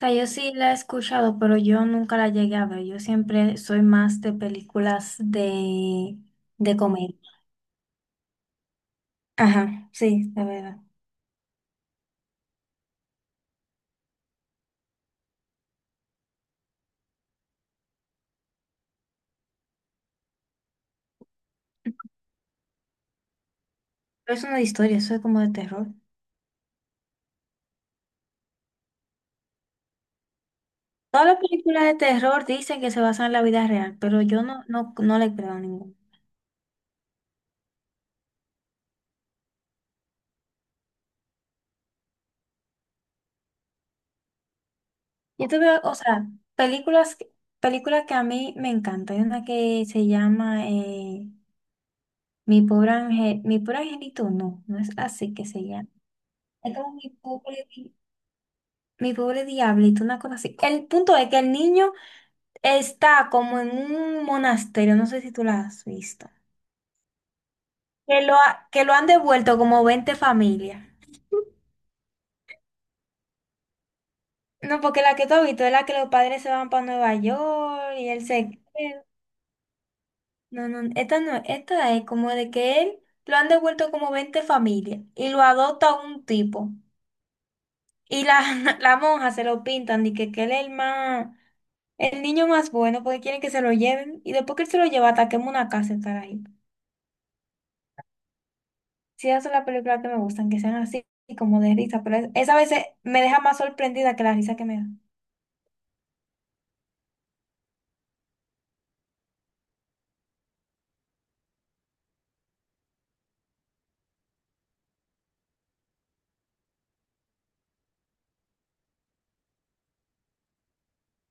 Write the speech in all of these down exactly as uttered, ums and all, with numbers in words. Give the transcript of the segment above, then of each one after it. sea, yo sí la he escuchado, pero yo nunca la llegué a ver. Yo siempre soy más de películas de, de comedia. Ajá, sí, de verdad. Pero eso no es una historia, eso es como de terror. Todas las películas de terror dicen que se basan en la vida real, pero yo no, no, no le creo a ninguna. Yo te veo, o sea, películas, que- películas que a mí me encantan. Hay una que se llama eh, Mi pobre Ángel, Mi pobre angelito, no, no es así que se llama. Es como mi pobre, Mi pobre diablito, una cosa así. El punto es que el niño está como en un monasterio, no sé si tú la has visto, que lo, ha- que lo han devuelto como veinte familias. No, porque la que tú has visto es la que los padres se van para Nueva York y él se queda. No, no, esta no, esta es como de que él lo han devuelto como veinte familias y lo adopta un tipo. Y la, la monja se lo pintan y que, que él es el más, el niño más bueno porque quieren que se lo lleven y después que él se lo lleva, ataquemos una casa, estar ahí. Sí, esas son las películas que me gustan, que sean así como de risa, pero es- esa a veces me deja más sorprendida que la risa que me da.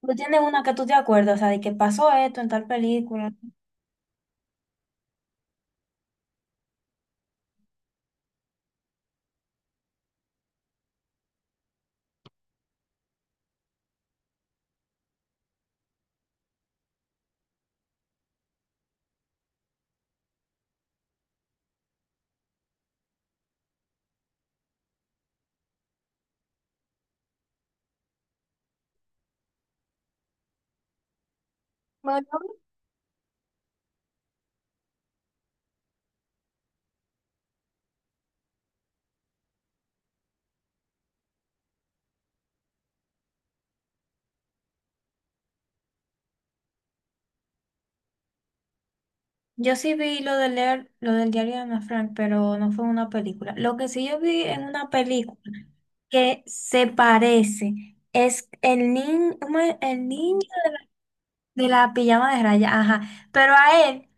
Tú tienes una que tú te acuerdas, o sea, de que pasó esto en tal película. Bueno, yo sí vi lo de leer, lo del diario de Ana Frank, pero no fue una película. Lo que sí yo vi en una película que se parece es el niño, el niño de la pijama de raya, ajá. Pero a él,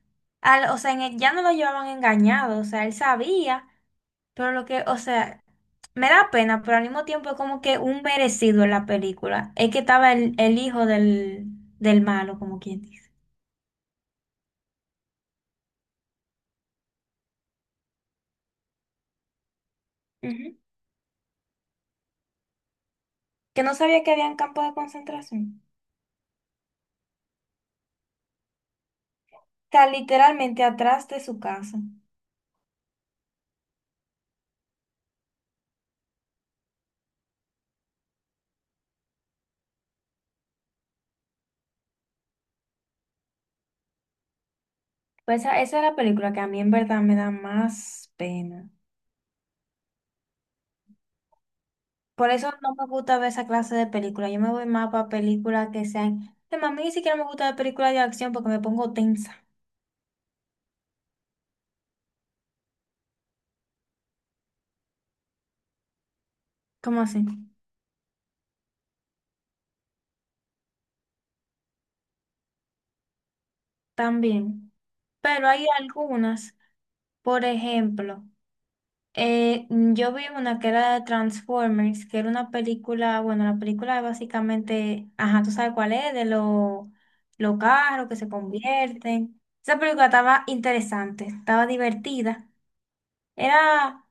al- o sea, en él ya no lo llevaban engañado, o sea, él sabía. Pero lo que, o sea, me da pena, pero al mismo tiempo es como que un merecido en la película. Es que estaba el, el hijo del, del malo, como quien dice. Ujú. Que no sabía que había un campo de concentración. Está literalmente atrás de su casa. Pues esa, esa es la película que a mí en verdad me da más pena. Por eso no me gusta ver esa clase de película. Yo me voy más para películas que sean... Además, a mí ni siquiera me gusta ver películas de acción porque me pongo tensa. ¿Cómo así? También. Pero hay algunas. Por ejemplo, eh, mm, yo vi una que era de Transformers, que era una película, bueno, la película es básicamente, ajá, tú sabes cuál es, de los los carros que se convierten. Esa película estaba interesante, estaba divertida. Era,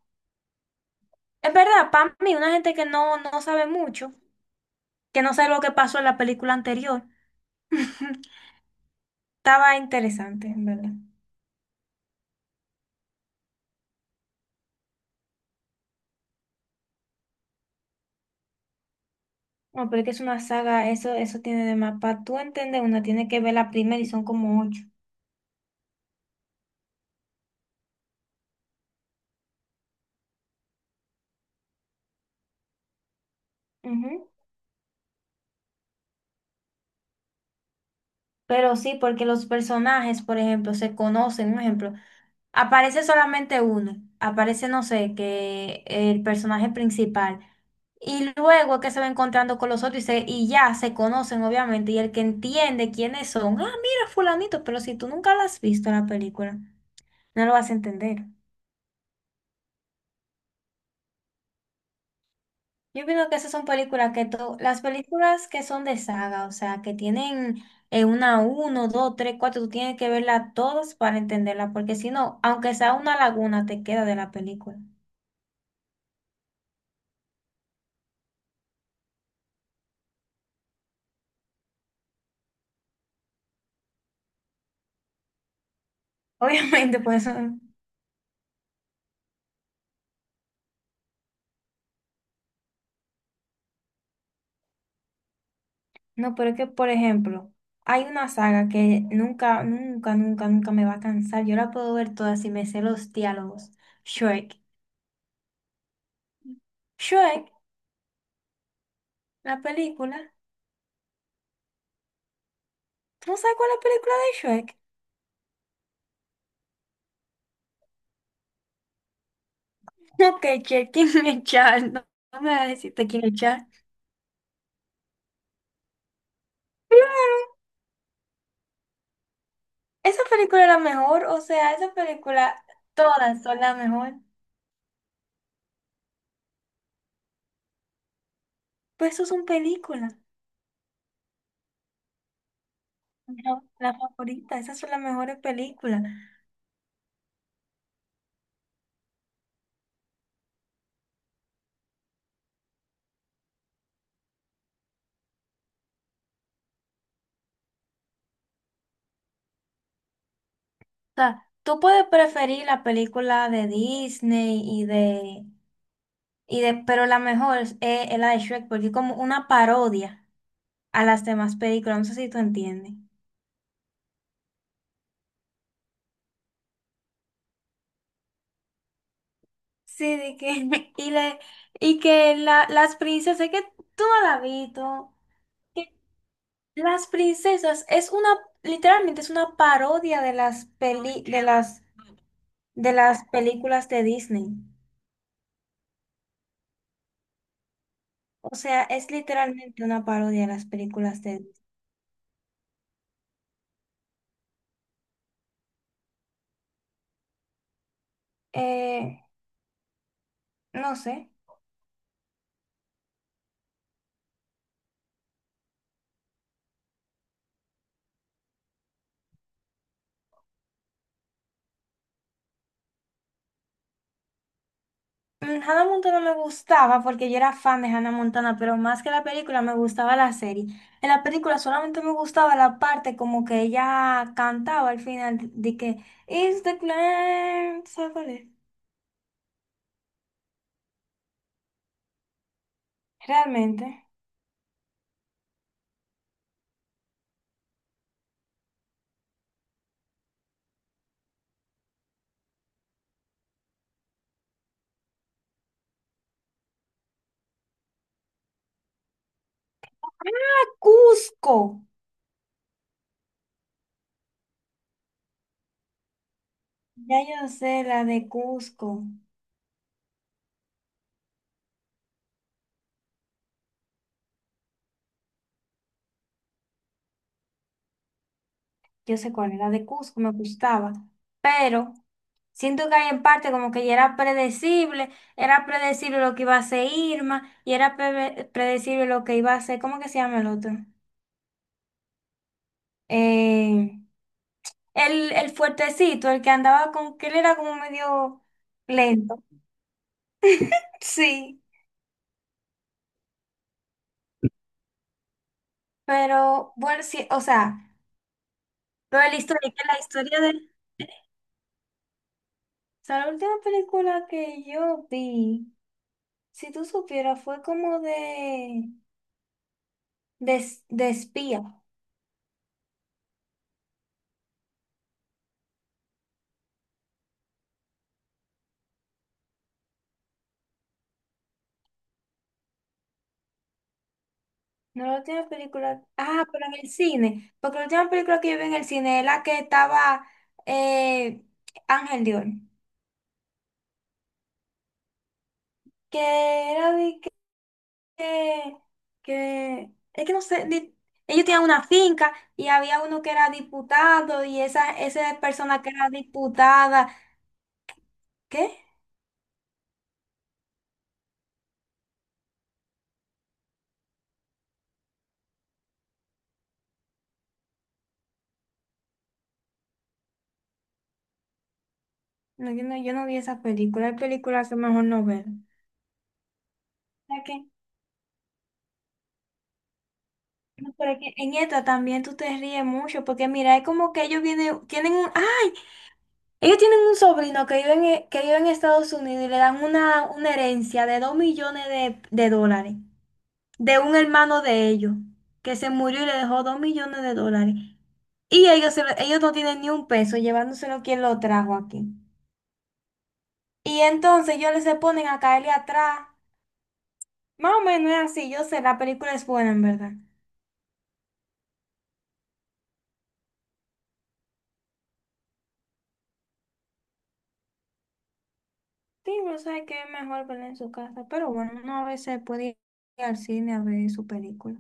es verdad, para mí, una gente que no, no sabe mucho, que no sabe lo que pasó en la película anterior, estaba interesante, en verdad. No, pero es que es una saga, eso, eso tiene de mapa. Tú entiendes, una tiene que ver la primera y son como ocho. Ujú. Pero sí, porque los personajes, por ejemplo, se conocen. Un ejemplo, aparece solamente uno. Aparece, no sé, que el personaje principal. Y luego es que se va encontrando con los otros y, se- y ya se conocen, obviamente. Y el que entiende quiénes son, ah, mira, fulanito, pero si tú nunca la has visto la película, no lo vas a entender. Yo pienso que esas son películas que to- las películas que son de saga, o sea, que tienen eh, una, uno, dos, tres, cuatro, tú tienes que verlas todas para entenderla, porque si no, aunque sea una laguna, te queda de la película. Obviamente, por eso, no, pero es que, por ejemplo, hay una saga que nunca, nunca, nunca, nunca me va a cansar. Yo la puedo ver toda si me sé los diálogos. Shrek. Shrek, la película. ¿Tú no sabes cuál es la película de Shrek? Ok, Shrek, ¿quién es Charles? No, no me vas a decirte quién es Charles. Claro, esa película es la mejor, o sea, esa película, todas son la mejor. Pues eso son películas, no, la favorita, esas son las mejores películas. O sea, tú puedes preferir la película de Disney y de, y de, pero la mejor es, es la de Shrek, porque es como una parodia a las demás películas, no sé si tú entiendes. Sí, de que, y, le, y que la, las princesas, es que tú no la has visto. Las princesas es una, literalmente es una parodia de las peli, de las, de las películas de Disney. O sea, es literalmente una parodia de las películas de Disney. Eh, no sé. Mm, Hannah Montana me gustaba porque yo era fan de Hannah Montana, pero más que la película me gustaba la serie. En la película solamente me gustaba la parte como que ella cantaba al final de que It's the Clan, ¿sabes cuál es? Realmente. ¡Ah, Cusco! Ya yo no sé la de Cusco, yo sé cuál era la de Cusco, me gustaba, pero siento que hay en parte como que ya era predecible, era predecible lo que iba a hacer Irma y era preve- predecible lo que iba a hacer, ¿cómo que se llama el otro? Eh, el, el fuertecito, el que andaba con, que él era como medio lento. Sí, pero bueno, sí, o sea, lo de la historia, que la historia de, o sea, la última película que yo vi. Si tú supieras, fue como de, de, es- de espía. No la última película. Ah, pero en el cine. Porque la última película que yo vi en el cine es la que estaba eh, Ángel Dion. Que era de que, que. Es que no sé. di- ellos tenían una finca y había uno que era diputado y esa, esa persona que era diputada. ¿Qué? No, yo no, yo no vi esa película. Hay películas que mejor no ver. ¿La qué? No, pero es que en esta también tú te ríes mucho, porque mira, es como que ellos vienen, tienen un, ay, ellos tienen un sobrino que vive en, e- que vive en Estados Unidos y le dan una, una herencia de dos millones de, de dólares de un hermano de ellos, que se murió y le dejó dos millones de dólares. Y ellos, se lo- ellos no tienen ni un peso, llevándoselo quien lo trajo aquí. Y entonces ellos se ponen a caerle atrás. Más o menos es así, yo sé, la película es buena en verdad. Sí, no sé qué es mejor verla en su casa, pero bueno, uno a veces puede ir al cine a ver su película.